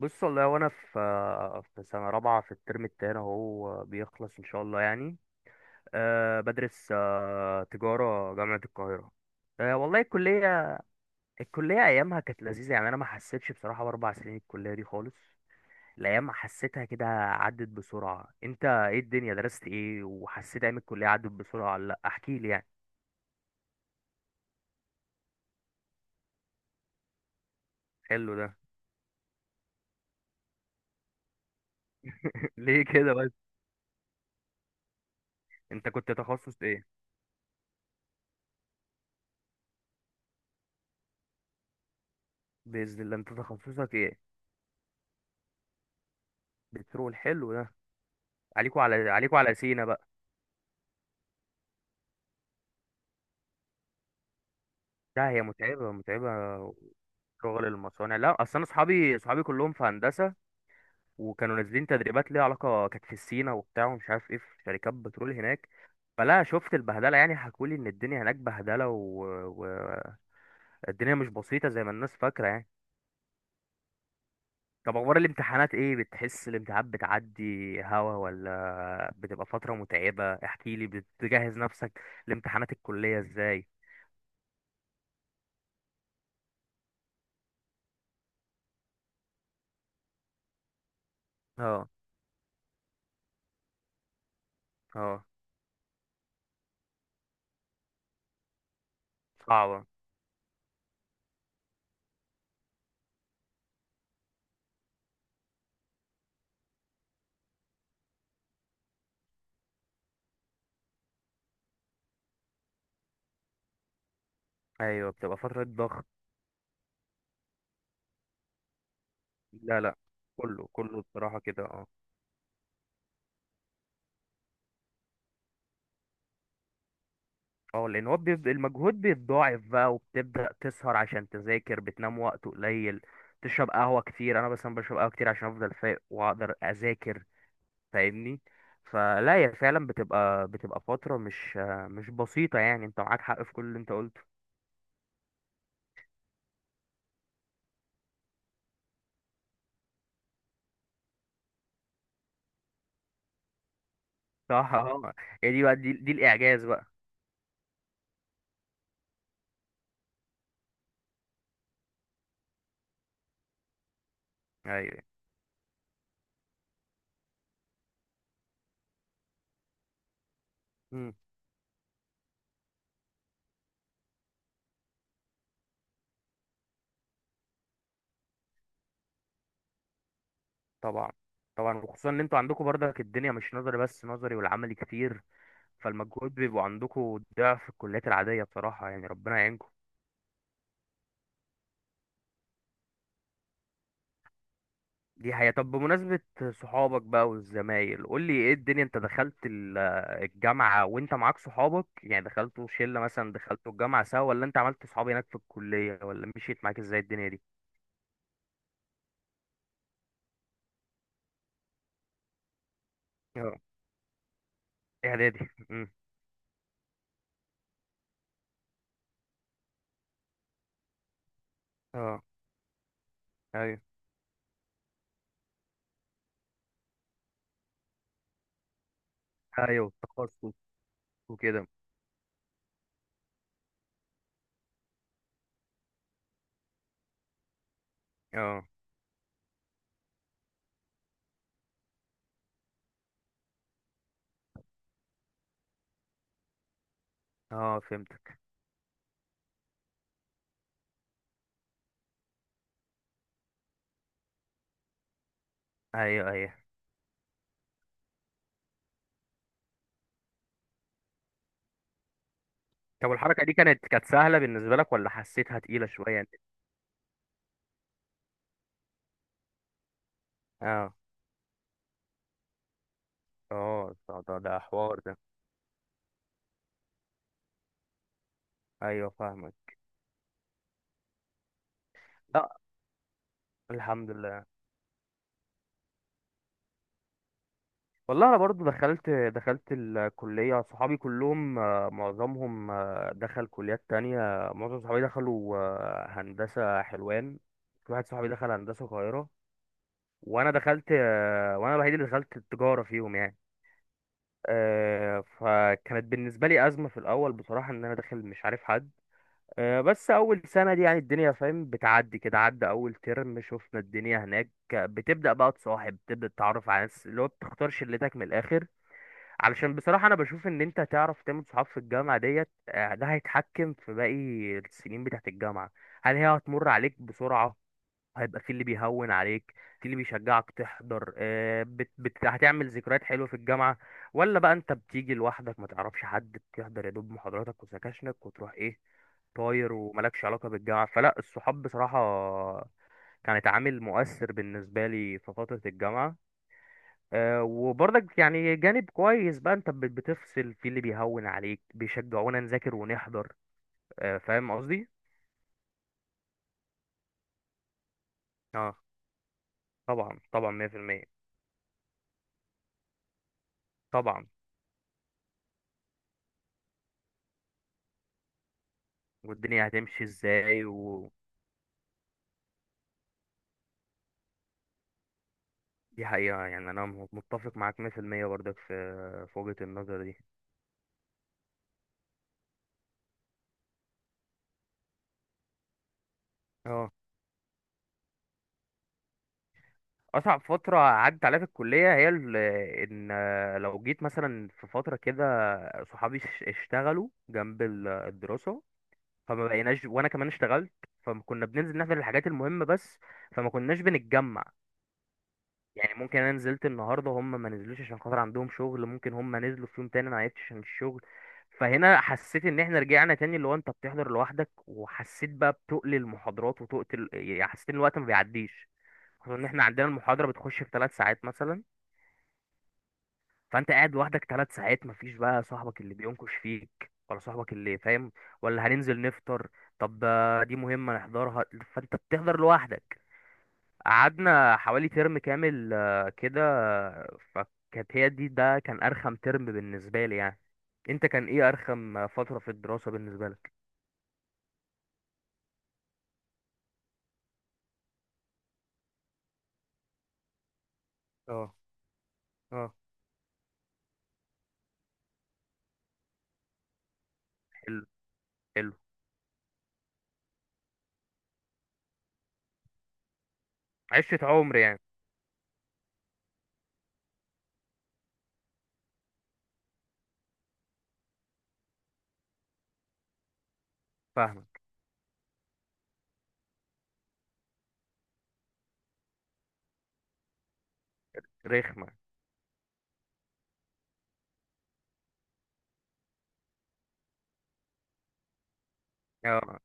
بص، والله وانا في سنه رابعه في الترم التاني، اهو بيخلص ان شاء الله يعني. بدرس تجاره جامعه القاهره. والله، الكليه ايامها كانت لذيذه يعني، انا ما حسيتش بصراحه باربع سنين الكليه دي خالص. الايام حسيتها كده عدت بسرعه. انت ايه الدنيا، درست ايه وحسيت ايام الكليه عدت بسرعه ولا لا، احكي لي يعني. حلو ده. ليه كده بس؟ انت كنت تخصص ايه؟ باذن الله، انت تخصصك ايه؟ بترول، حلو ده. عليكوا على سينا. لا، هي متعبة متعبة. شغل المصانع. لا، اصل انا اصحابي كلهم في هندسة، وكانوا نازلين تدريبات ليها علاقة، كانت في سينا وبتاع ومش عارف ايه، في شركات بترول هناك. فلا شفت البهدلة يعني، حكولي ان الدنيا هناك بهدلة. الدنيا مش بسيطة زي ما الناس فاكرة يعني. طب، اخبار الامتحانات ايه؟ بتحس الامتحانات بتعدي هوا ولا بتبقى فترة متعبة؟ احكيلي، بتجهز نفسك لامتحانات الكلية ازاي؟ اه. اه. صعبة. ايوه، بتبقى فترة ضغط. لا، لا. كله كله بصراحة كده. اه. اه، لأن هو المجهود بيتضاعف بقى، وبتبدأ تسهر عشان تذاكر، بتنام وقت قليل، تشرب قهوة كتير. أنا مثلا بشرب قهوة كتير عشان أفضل فايق وأقدر أذاكر، فاهمني؟ فلا، هي فعلا بتبقى فترة مش مش بسيطة يعني، أنت معاك حق في كل اللي أنت قلته. صح. اه. هي دي بقى، دي الإعجاز بقى. أيوه. مم. طبعا. طبعا، وخصوصا ان انتوا عندكم برضك الدنيا مش نظري بس، نظري والعملي كتير، فالمجهود بيبقوا عندكم ضعف الكليات العادية بصراحة، يعني ربنا يعينكم. دي حقيقة. طب، بمناسبة صحابك بقى والزمايل، قول لي ايه الدنيا. انت دخلت الجامعة وانت معاك صحابك، يعني دخلتوا شلة مثلا، دخلتوا الجامعة سوا، ولا انت عملت صحاب هناك في الكلية، ولا مشيت معاك ازاي الدنيا دي؟ اه. اعدادي. امم. اه. ايوه. ايوه، تخصص وكده. اه. اه، فهمتك. ايوه. ايوه. طب، الحركة دي كانت سهلة بالنسبة لك ولا حسيتها تقيلة شوية يعني؟ اه. اه. ده حوار ده. ايوه، فاهمك. لا. الحمد لله. والله، انا برضو دخلت الكليه، صحابي كلهم معظمهم دخل كليات تانية. معظم صحابي دخلوا هندسه حلوان. في واحد صحابي دخل هندسه القاهره، وانا دخلت وانا الوحيد اللي دخلت التجاره فيهم يعني. فكانت بالنسبه لي ازمه في الاول بصراحه، ان انا داخل مش عارف حد. بس اول سنه دي يعني الدنيا فاهم بتعدي كده. عدى اول ترم، شفنا الدنيا هناك بتبدا بقى تصاحب، بتبدا تتعرف على ناس، اللي هو بتختار شلتك من الاخر. علشان بصراحه، انا بشوف ان انت تعرف تعمل صحاب في الجامعه ديت ده هيتحكم في باقي السنين بتاعت الجامعه. هل هي هتمر عليك بسرعه؟ هيبقى في اللي بيهون عليك، في اللي بيشجعك تحضر، هتعمل ذكريات حلوة في الجامعة، ولا بقى انت بتيجي لوحدك ما تعرفش حد، بتحضر يا دوب محاضراتك وسكاشنك وتروح ايه طاير وملكش علاقة بالجامعة. فلا، الصحاب بصراحة كانت عامل مؤثر بالنسبة لي في فترة الجامعة. وبرضك يعني جانب كويس بقى، انت بتفصل في اللي بيهون عليك بيشجعونا نذاكر ونحضر. فاهم قصدي؟ اه، طبعا. طبعا 100%. طبعا، والدنيا هتمشي ازاي ودي. حقيقة يعني، انا متفق معاك 100% برضك في وجهة النظر دي. اه، اصعب فترة عدت عليا في الكلية هي ال- ان لو جيت مثلا في فترة كده، صحابي اشتغلوا جنب الدراسة، فما بقيناش، وانا كمان اشتغلت. فكنا بننزل نعمل الحاجات المهمة بس، فما كناش بنتجمع. يعني ممكن انا نزلت النهارده هم ما نزلوش عشان خاطر عندهم شغل، ممكن هم نزلوا في يوم تاني انا عيطت عشان الشغل. فهنا حسيت ان احنا رجعنا تاني، اللي هو انت بتحضر لوحدك، وحسيت بقى بتقل المحاضرات وتقتل، يعني حسيت ان الوقت ما بيعديش. خصوصا ان احنا عندنا المحاضره بتخش في 3 ساعات مثلا، فانت قاعد لوحدك 3 ساعات، مفيش بقى صاحبك اللي بينكش فيك ولا صاحبك اللي فاهم ولا هننزل نفطر، طب دي مهمه نحضرها، فانت بتحضر لوحدك. قعدنا حوالي ترم كامل كده، فكانت هي دي، ده كان أرخم ترم بالنسبة لي يعني. أنت كان إيه أرخم فترة في الدراسة بالنسبة لك؟ اه. اه. حلو. حلو. عشرة عمر يعني. فاهمك. رخمة. اه.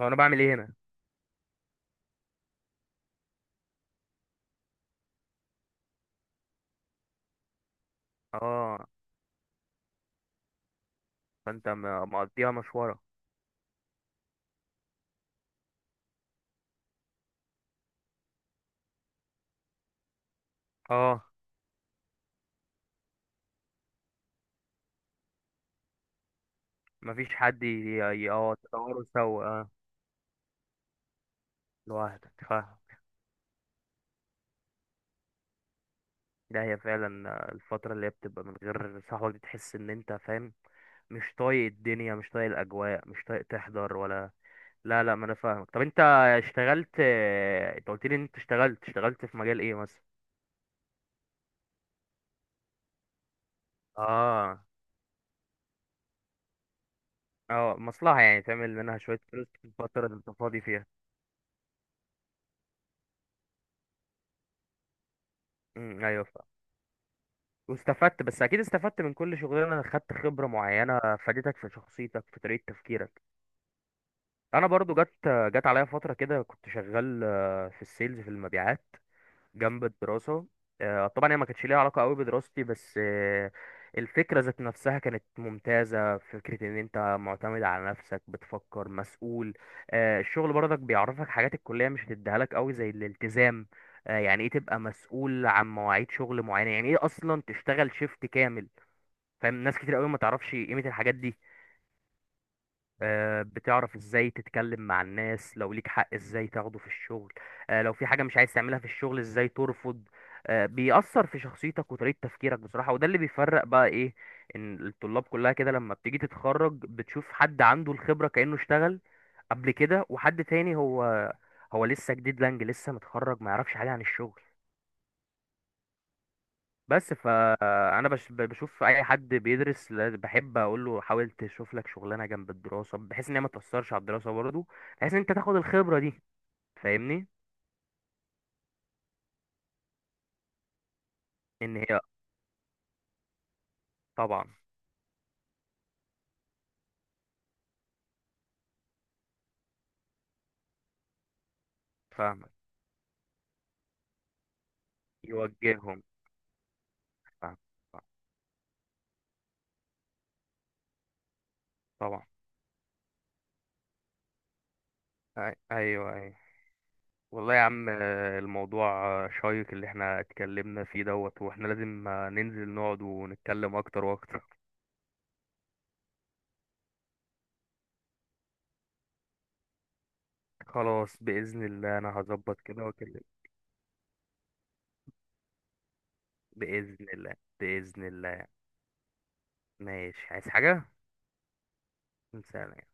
هو أنا بعمل إيه هنا؟ اه، فأنت مقضيها مشوارة. اه، مفيش حد تدوروا سوا. اه، لوحدك، فاهم. ده هي فعلا الفترة اللي هي بتبقى من غير صاحبك، بتحس إن أنت فاهم مش طايق الدنيا، مش طايق الاجواء، مش طايق تحضر ولا. لا، لا، ما انا فاهمك. طب انت اشتغلت، انت قلت لي ان انت اشتغلت، في مجال ايه مثلا؟ اه. اه، مصلحة يعني، تعمل منها شوية فلوس في الفترة اللي انت فاضي فيها. امم. ايوه، فاهم. واستفدت، بس اكيد استفدت من كل شغلانة، خدت خبرة معينة فادتك في شخصيتك في طريقة تفكيرك. انا برضو جت عليا فترة كده كنت شغال في السيلز، في المبيعات جنب الدراسة. طبعا هي ما كانتش ليها علاقة قوي بدراستي بس، الفكرة ذات نفسها كانت ممتازة، فكرة ان انت معتمد على نفسك بتفكر مسؤول. الشغل برضك بيعرفك حاجات الكلية مش هتديها لك قوي زي الالتزام. يعني ايه تبقى مسؤول عن مواعيد شغل معينة، يعني ايه اصلا تشتغل شيفت كامل. فاهم، ناس كتير قوي ما تعرفش قيمة الحاجات دي. بتعرف ازاي تتكلم مع الناس، لو ليك حق ازاي تاخده في الشغل. لو في حاجة مش عايز تعملها في الشغل ازاي ترفض. بيأثر في شخصيتك وطريقة تفكيرك بصراحة، وده اللي بيفرق بقى ايه، ان الطلاب كلها كده لما بتيجي تتخرج بتشوف حد عنده الخبرة كأنه اشتغل قبل كده، وحد تاني هو لسه جديد لانج، لسه متخرج ما يعرفش حاجة عن الشغل. بس فانا بشوف اي حد بيدرس بحب اقول له، حاول تشوف لك شغلانه جنب الدراسه بحيث ان هي ما تاثرش على الدراسه برضه، بحيث ان انت تاخد الخبره دي، فاهمني؟ ان هي. طبعا. فاهمك. يوجههم. فاهم. فاهم. طبعا. ايوه. ايوه. والله يا عم، الموضوع شيق اللي احنا اتكلمنا فيه دوت، واحنا لازم ننزل نقعد ونتكلم اكتر واكتر. خلاص، باذن الله انا هظبط كده واكلمك. باذن الله. باذن الله. ماشي، عايز حاجه؟ سلام.